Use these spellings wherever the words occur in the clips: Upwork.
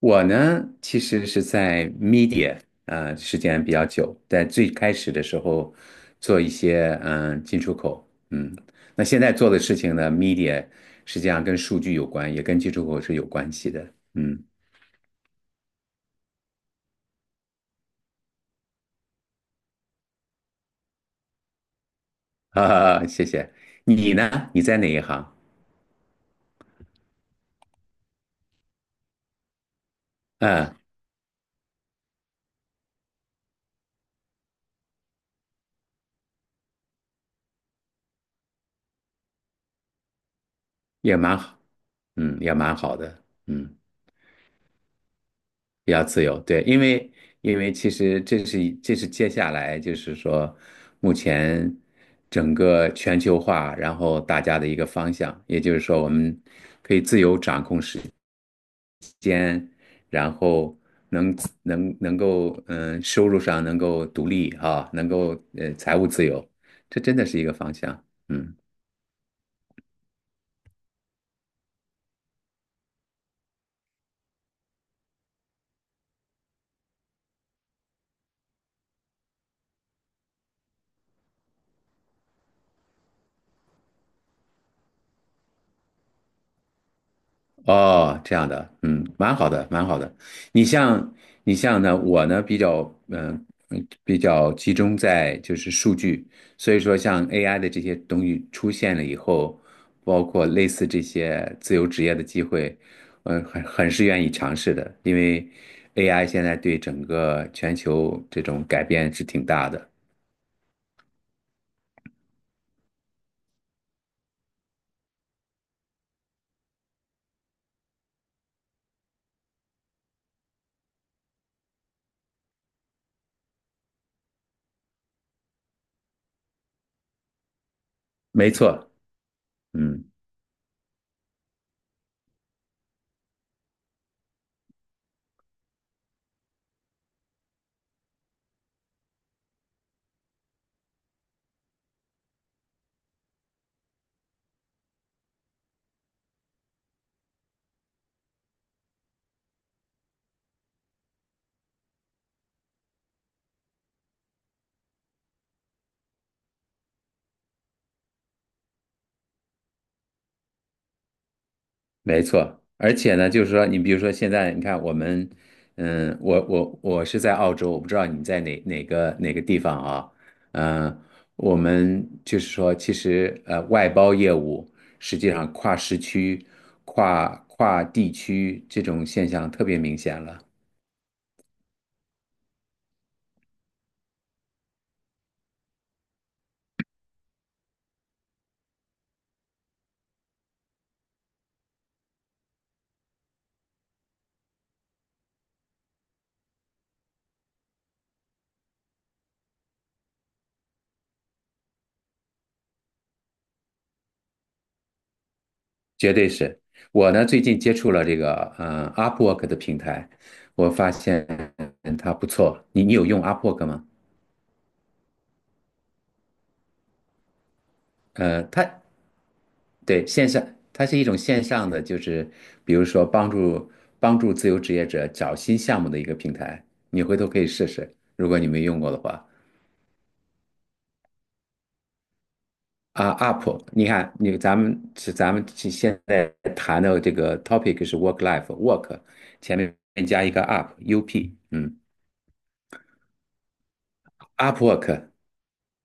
我呢，其实是在 media 啊、时间比较久，在最开始的时候做一些进出口，那现在做的事情呢，media 实际上跟数据有关，也跟进出口是有关系的，啊，谢谢。你呢？你在哪一行？嗯，也蛮好，也蛮好的，嗯。比较自由，对，因为其实这是接下来就是说，目前整个全球化，然后大家的一个方向，也就是说我们可以自由掌控时间，然后能能够收入上能够独立啊，能够财务自由，这真的是一个方向，嗯。哦，这样的，蛮好的，蛮好的。你像你像呢，我呢比较嗯、比较集中在就是数据，所以说像 AI 的这些东西出现了以后，包括类似这些自由职业的机会，很是愿意尝试的，因为 AI 现在对整个全球这种改变是挺大的。没错，嗯。没错，而且呢，就是说，你比如说现在，你看我们，我是在澳洲，我不知道你在哪个地方啊，嗯，我们就是说，其实外包业务实际上跨时区、跨地区这种现象特别明显了，绝对是。我呢最近接触了这个Upwork 的平台，我发现它不错，你有用 Upwork 吗？呃，它。对，线上，它是一种线上的，就是比如说帮助自由职业者找新项目的一个平台，你回头可以试试，如果你没用过的话。啊，Up，你看，你咱们是咱们是现在谈的这个 topic 是 work life work，前面加一个 up，Upwork，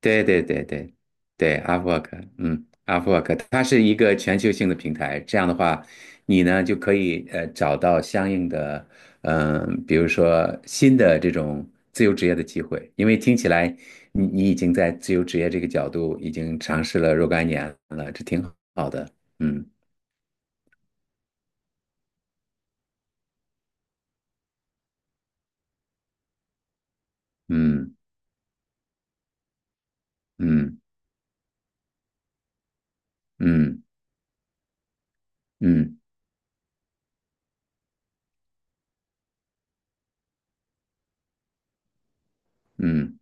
对，对，对，对，对，Upwork，Upwork，它是一个全球性的平台。这样的话，你呢就可以找到相应的，比如说新的这种自由职业的机会。因为听起来你已经在自由职业这个角度已经尝试了若干年了，这挺好的。嗯，嗯，嗯，嗯，嗯，嗯，嗯，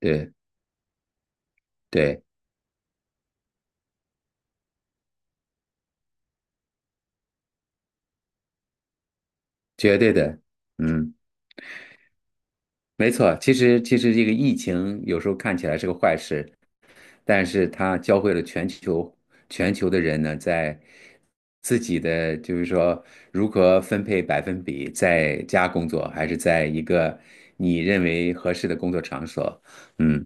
对，对，绝对的，嗯。没错，其实这个疫情有时候看起来是个坏事，但是它教会了全球的人呢，在自己的就是说如何分配百分比，在家工作还是在一个你认为合适的工作场所，嗯，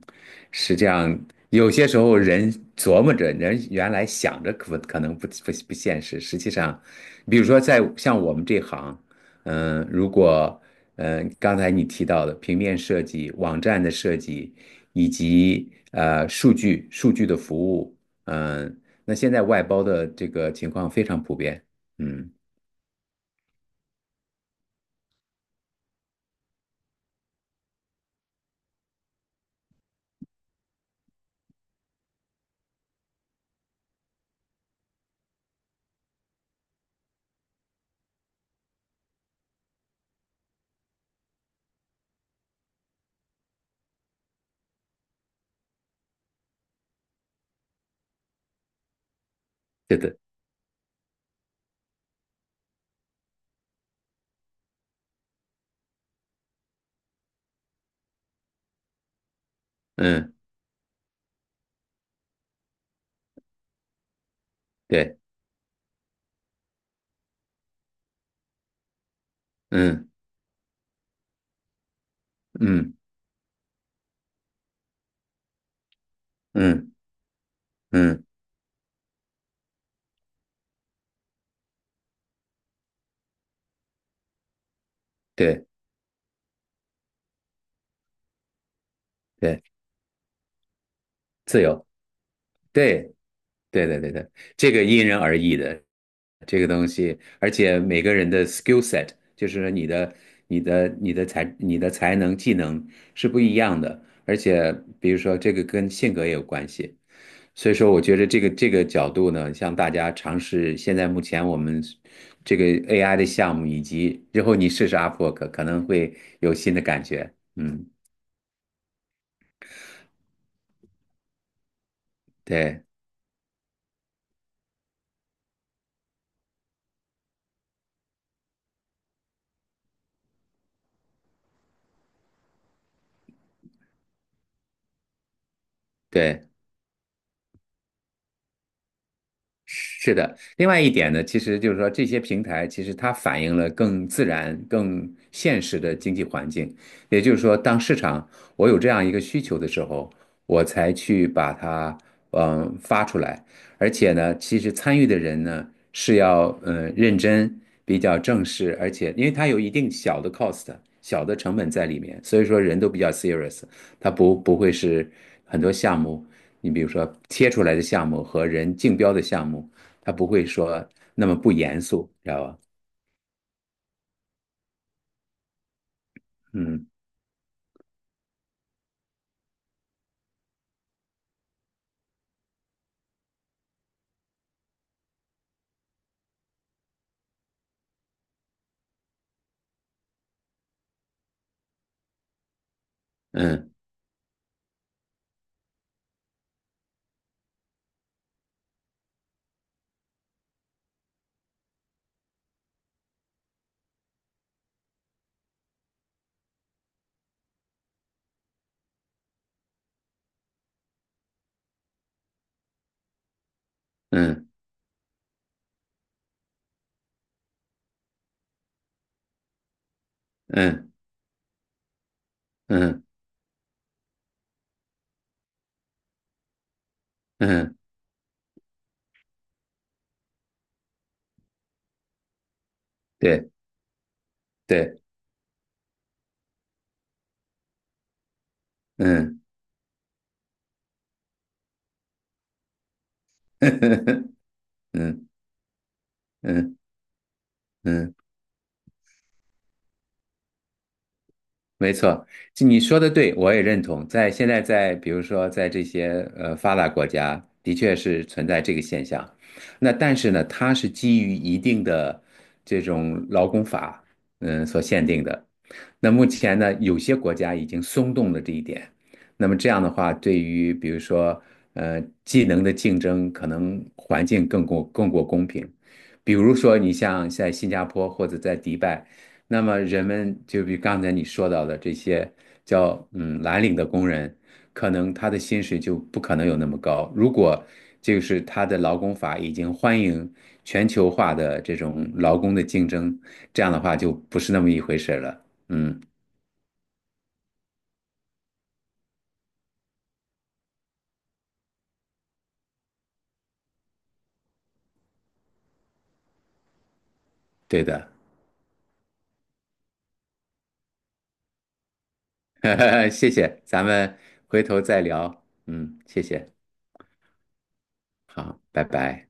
实际上有些时候人琢磨着，人原来想着可能不现实，实际上，比如说在像我们这行。如果刚才你提到的平面设计、网站的设计，以及数据的服务，那现在外包的这个情况非常普遍。嗯，对的，嗯，对，嗯，嗯，嗯，嗯，对，对，自由，对。对，对，对，对，这个因人而异的，这个东西，而且每个人的 skill set，就是你的才能、技能是不一样的，而且比如说这个跟性格也有关系，所以说我觉得这个角度呢，向大家尝试现在目前我们这个 AI 的项目，以及之后你试试 Upwork，可能会有新的感觉。嗯，对，对。是的，另外一点呢，其实就是说这些平台其实它反映了更自然、更现实的经济环境。也就是说，当市场我有这样一个需求的时候，我才去把它发出来。而且呢，其实参与的人呢是要认真、比较正式，而且因为它有一定小的 cost、小的成本在里面，所以说人都比较 serious，它不会是很多项目。你比如说贴出来的项目和人竞标的项目，他不会说那么不严肃，知道吧？嗯，嗯，嗯，嗯，嗯，嗯，嗯，对，对，嗯 嗯，嗯，嗯。没错，就你说的对，我也认同。在现在在，比如说在这些发达国家，的确是存在这个现象。那但是呢，它是基于一定的这种劳工法，所限定的。那目前呢，有些国家已经松动了这一点。那么这样的话，对于比如说技能的竞争，可能环境更过公平。比如说，你像在新加坡或者在迪拜。那么人们就比刚才你说到的这些叫蓝领的工人，可能他的薪水就不可能有那么高。如果就是他的劳工法已经欢迎全球化的这种劳工的竞争，这样的话就不是那么一回事了。嗯，对的，谢谢，咱们回头再聊。嗯，谢谢，好，拜拜。